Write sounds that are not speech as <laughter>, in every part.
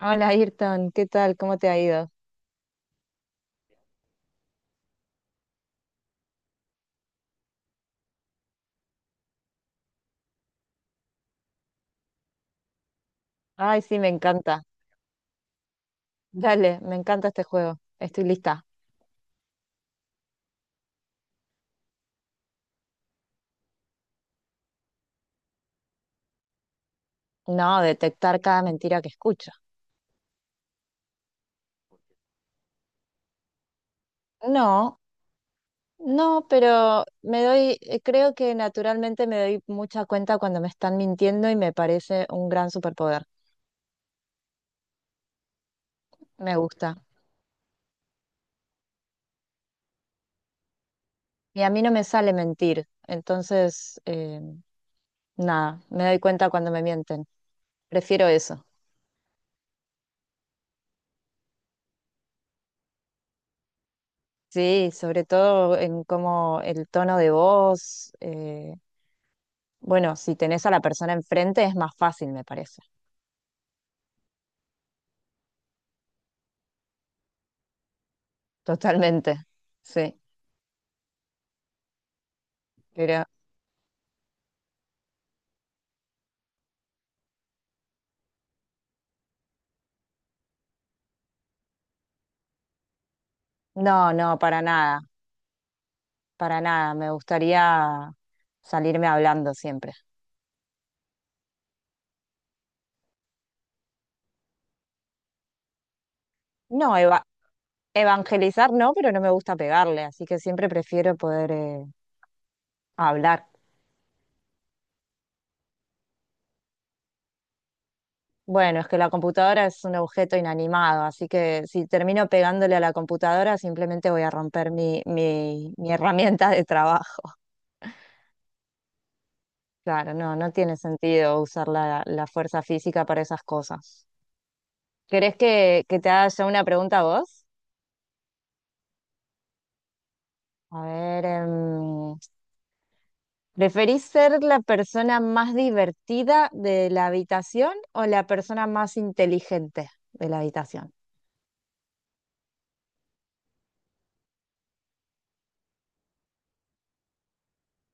Hola Ayrton, ¿qué tal? ¿Cómo te ha ido? Ay, sí, me encanta. Dale, me encanta este juego. Estoy lista. No, detectar cada mentira que escucho. No, no, pero me doy, creo que naturalmente me doy mucha cuenta cuando me están mintiendo y me parece un gran superpoder. Me gusta. Y a mí no me sale mentir, entonces, nada, me doy cuenta cuando me mienten. Prefiero eso. Sí, sobre todo en cómo el tono de voz. Bueno, si tenés a la persona enfrente es más fácil, me parece. Totalmente. Sí. Pero no, para nada, para nada. Me gustaría salirme hablando siempre. No, evangelizar no, pero no me gusta pegarle, así que siempre prefiero poder hablar. Bueno, es que la computadora es un objeto inanimado, así que si termino pegándole a la computadora, simplemente voy a romper mi, mi herramienta de trabajo. Claro, no, no tiene sentido usar la, la fuerza física para esas cosas. ¿Querés que te haga yo una pregunta a vos? A ver, ¿preferís ser la persona más divertida de la habitación o la persona más inteligente de la habitación?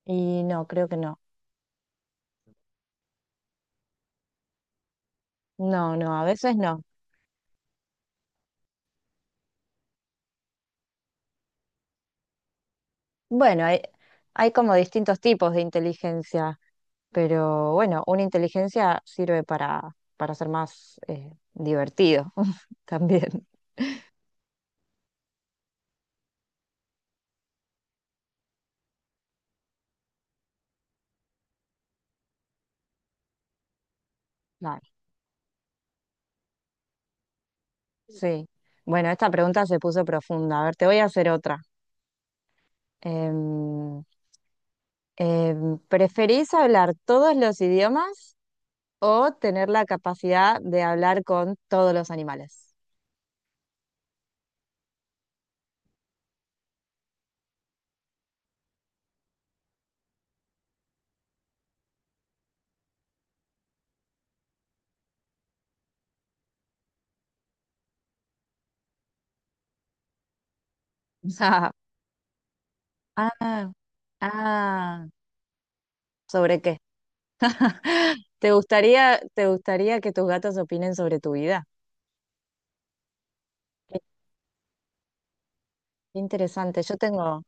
Y no, creo que no. No, no, a veces no. Bueno, hay como distintos tipos de inteligencia, pero bueno, una inteligencia sirve para ser más divertido <laughs> también. Claro. Sí. Bueno, esta pregunta se puso profunda. A ver, te voy a hacer otra. Em, ¿Preferís hablar todos los idiomas o tener la capacidad de hablar con todos los animales? <laughs> Ah, ah, ¿sobre qué? Te gustaría que tus gatos opinen sobre tu vida? Qué interesante. Yo tengo,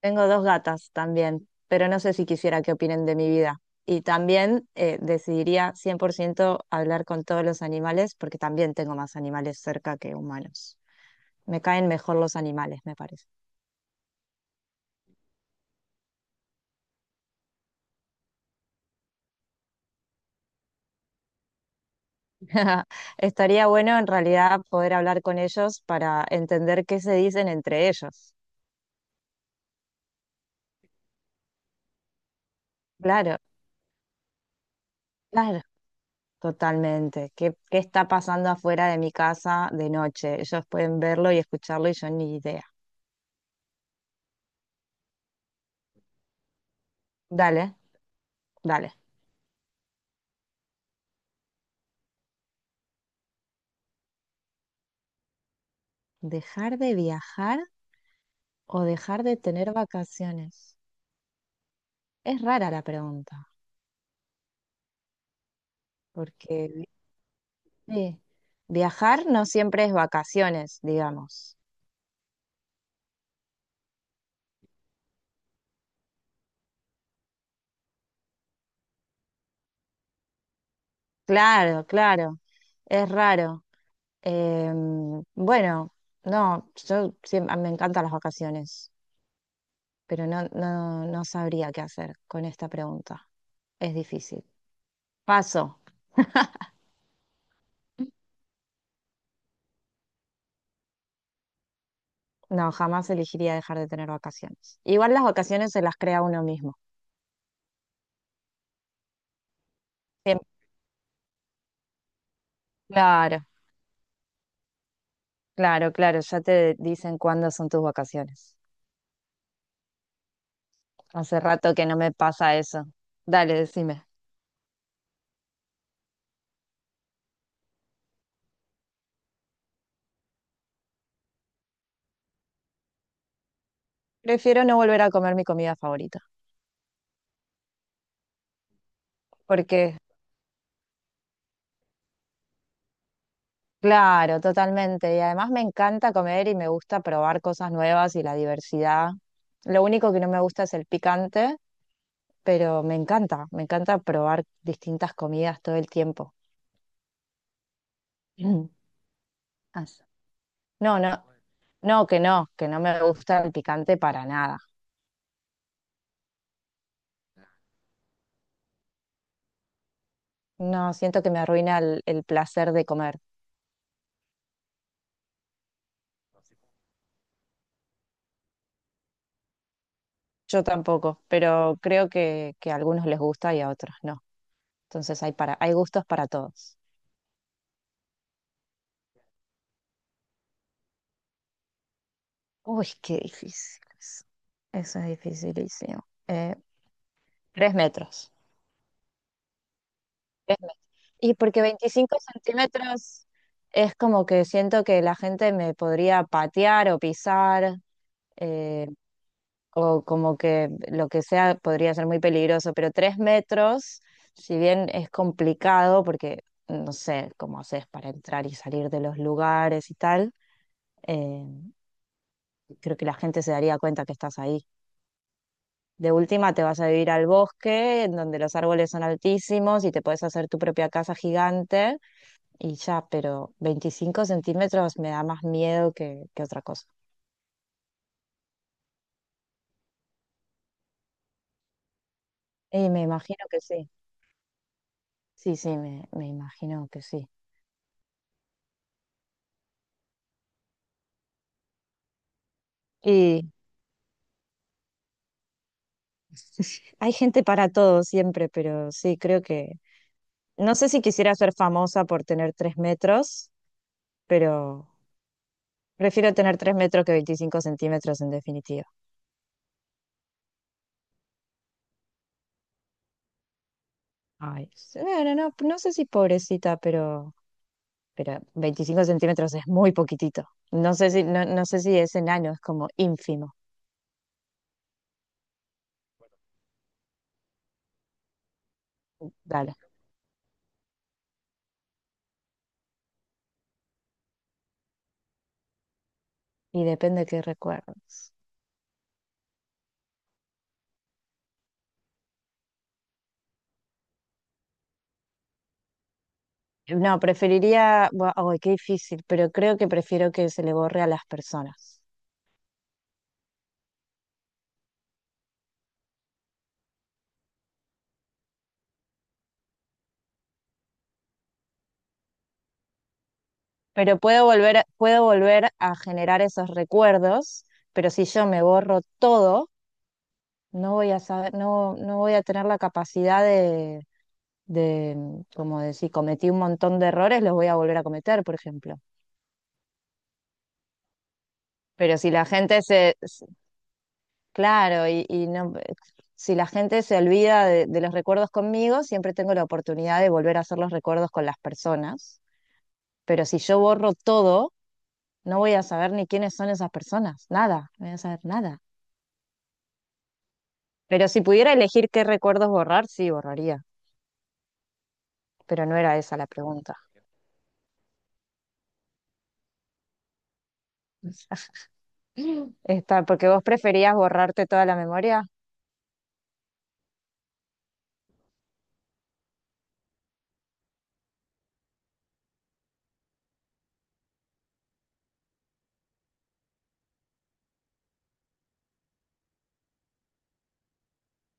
tengo dos gatas también, pero no sé si quisiera que opinen de mi vida. Y también decidiría 100% hablar con todos los animales, porque también tengo más animales cerca que humanos. Me caen mejor los animales, me parece. <laughs> Estaría bueno en realidad poder hablar con ellos para entender qué se dicen entre ellos. Claro, claro, totalmente. ¿Qué, qué está pasando afuera de mi casa de noche? Ellos pueden verlo y escucharlo y yo ni idea. Dale, dale. ¿Dejar de viajar o dejar de tener vacaciones? Es rara la pregunta, porque ¿viste? Viajar no siempre es vacaciones, digamos. Claro, claro, es raro. Bueno, no, yo siempre, me encantan las vacaciones, pero no, no, no sabría qué hacer con esta pregunta. Es difícil. Paso. No, jamás elegiría dejar de tener vacaciones. Igual las vacaciones se las crea uno mismo. Siempre. Claro. Claro, claro, ya te dicen cuándo son tus vacaciones. Hace rato que no me pasa eso. Dale, decime. Prefiero no volver a comer mi comida favorita, porque, claro, totalmente. Y además me encanta comer y me gusta probar cosas nuevas y la diversidad. Lo único que no me gusta es el picante, pero me encanta probar distintas comidas todo el tiempo. <clears throat> Ah, sí. No, no, no, que no, que no me gusta el picante para nada. No, siento que me arruina el placer de comer. Yo tampoco, pero creo que a algunos les gusta y a otros no. Entonces hay para, hay gustos para todos. Uy, qué difícil eso. Eso es dificilísimo. 3 metros. 3 metros. Y porque 25 centímetros es como que siento que la gente me podría patear o pisar. eh, o como que lo que sea podría ser muy peligroso, pero 3 metros, si bien es complicado, porque no sé cómo haces para entrar y salir de los lugares y tal, eh, creo que la gente se daría cuenta que estás ahí. De última te vas a vivir al bosque, en donde los árboles son altísimos y te puedes hacer tu propia casa gigante y ya, pero 25 centímetros me da más miedo que otra cosa. Y me imagino que sí. Sí, sí, me imagino que sí. <laughs> Hay gente para todo siempre, pero sí, creo que... No sé si quisiera ser famosa por tener 3 metros, pero prefiero tener 3 metros que 25 centímetros en definitiva. Ay, bueno, no, no sé si pobrecita, pero 25 centímetros es muy poquitito. No sé si, no, no sé si es enano, es como ínfimo. Dale. Y depende de qué recuerdos. No, Ay, qué difícil, pero creo que prefiero que se le borre a las personas. Pero puedo volver a generar esos recuerdos, pero si yo me borro todo, no voy a saber, no, no voy a tener la capacidad de, como decir, cometí un montón de errores, los voy a volver a cometer, por ejemplo. Pero si la gente se claro, y no, si la gente se olvida de los recuerdos conmigo, siempre tengo la oportunidad de volver a hacer los recuerdos con las personas. Pero si yo borro todo, no voy a saber ni quiénes son esas personas, nada, no voy a saber nada. Pero si pudiera elegir qué recuerdos borrar, sí borraría. Pero no era esa la pregunta. <laughs> Está, porque vos preferías borrarte toda la memoria.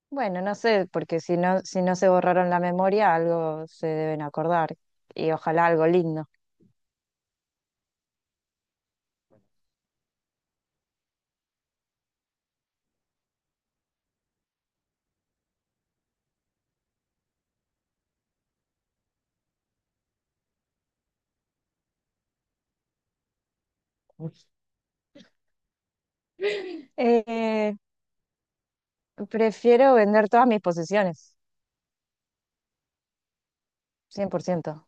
Bueno, no sé, porque si no, si no se borraron la memoria, algo se deben acordar. Y ojalá algo lindo. Eh, prefiero vender todas mis posesiones, 100%.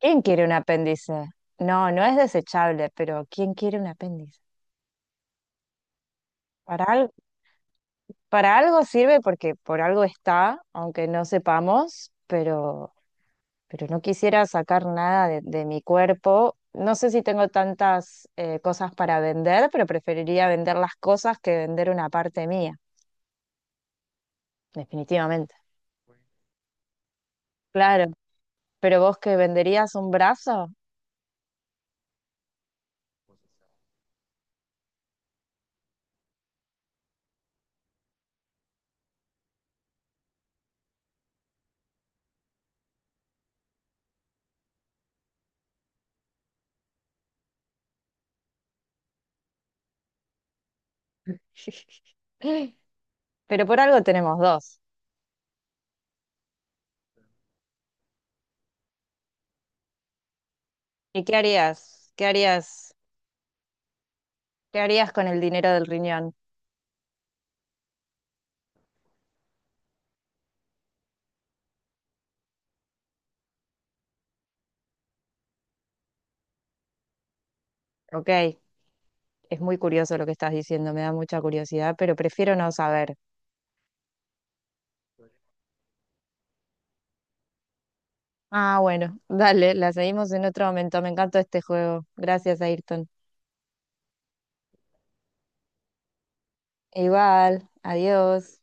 ¿Quién quiere un apéndice? No, no es desechable, pero ¿quién quiere un apéndice? Para, al- para algo sirve porque por algo está, aunque no sepamos, pero no quisiera sacar nada de, de mi cuerpo. No sé si tengo tantas cosas para vender, pero preferiría vender las cosas que vender una parte mía, definitivamente. Claro, pero vos que venderías un brazo, <laughs> pero por algo tenemos dos. ¿Y qué harías? ¿Qué harías? ¿Qué harías con el dinero del riñón? Ok, es muy curioso lo que estás diciendo, me da mucha curiosidad, pero prefiero no saber. Ah, bueno, dale, la seguimos en otro momento. Me encantó este juego. Gracias, Ayrton. Igual, adiós.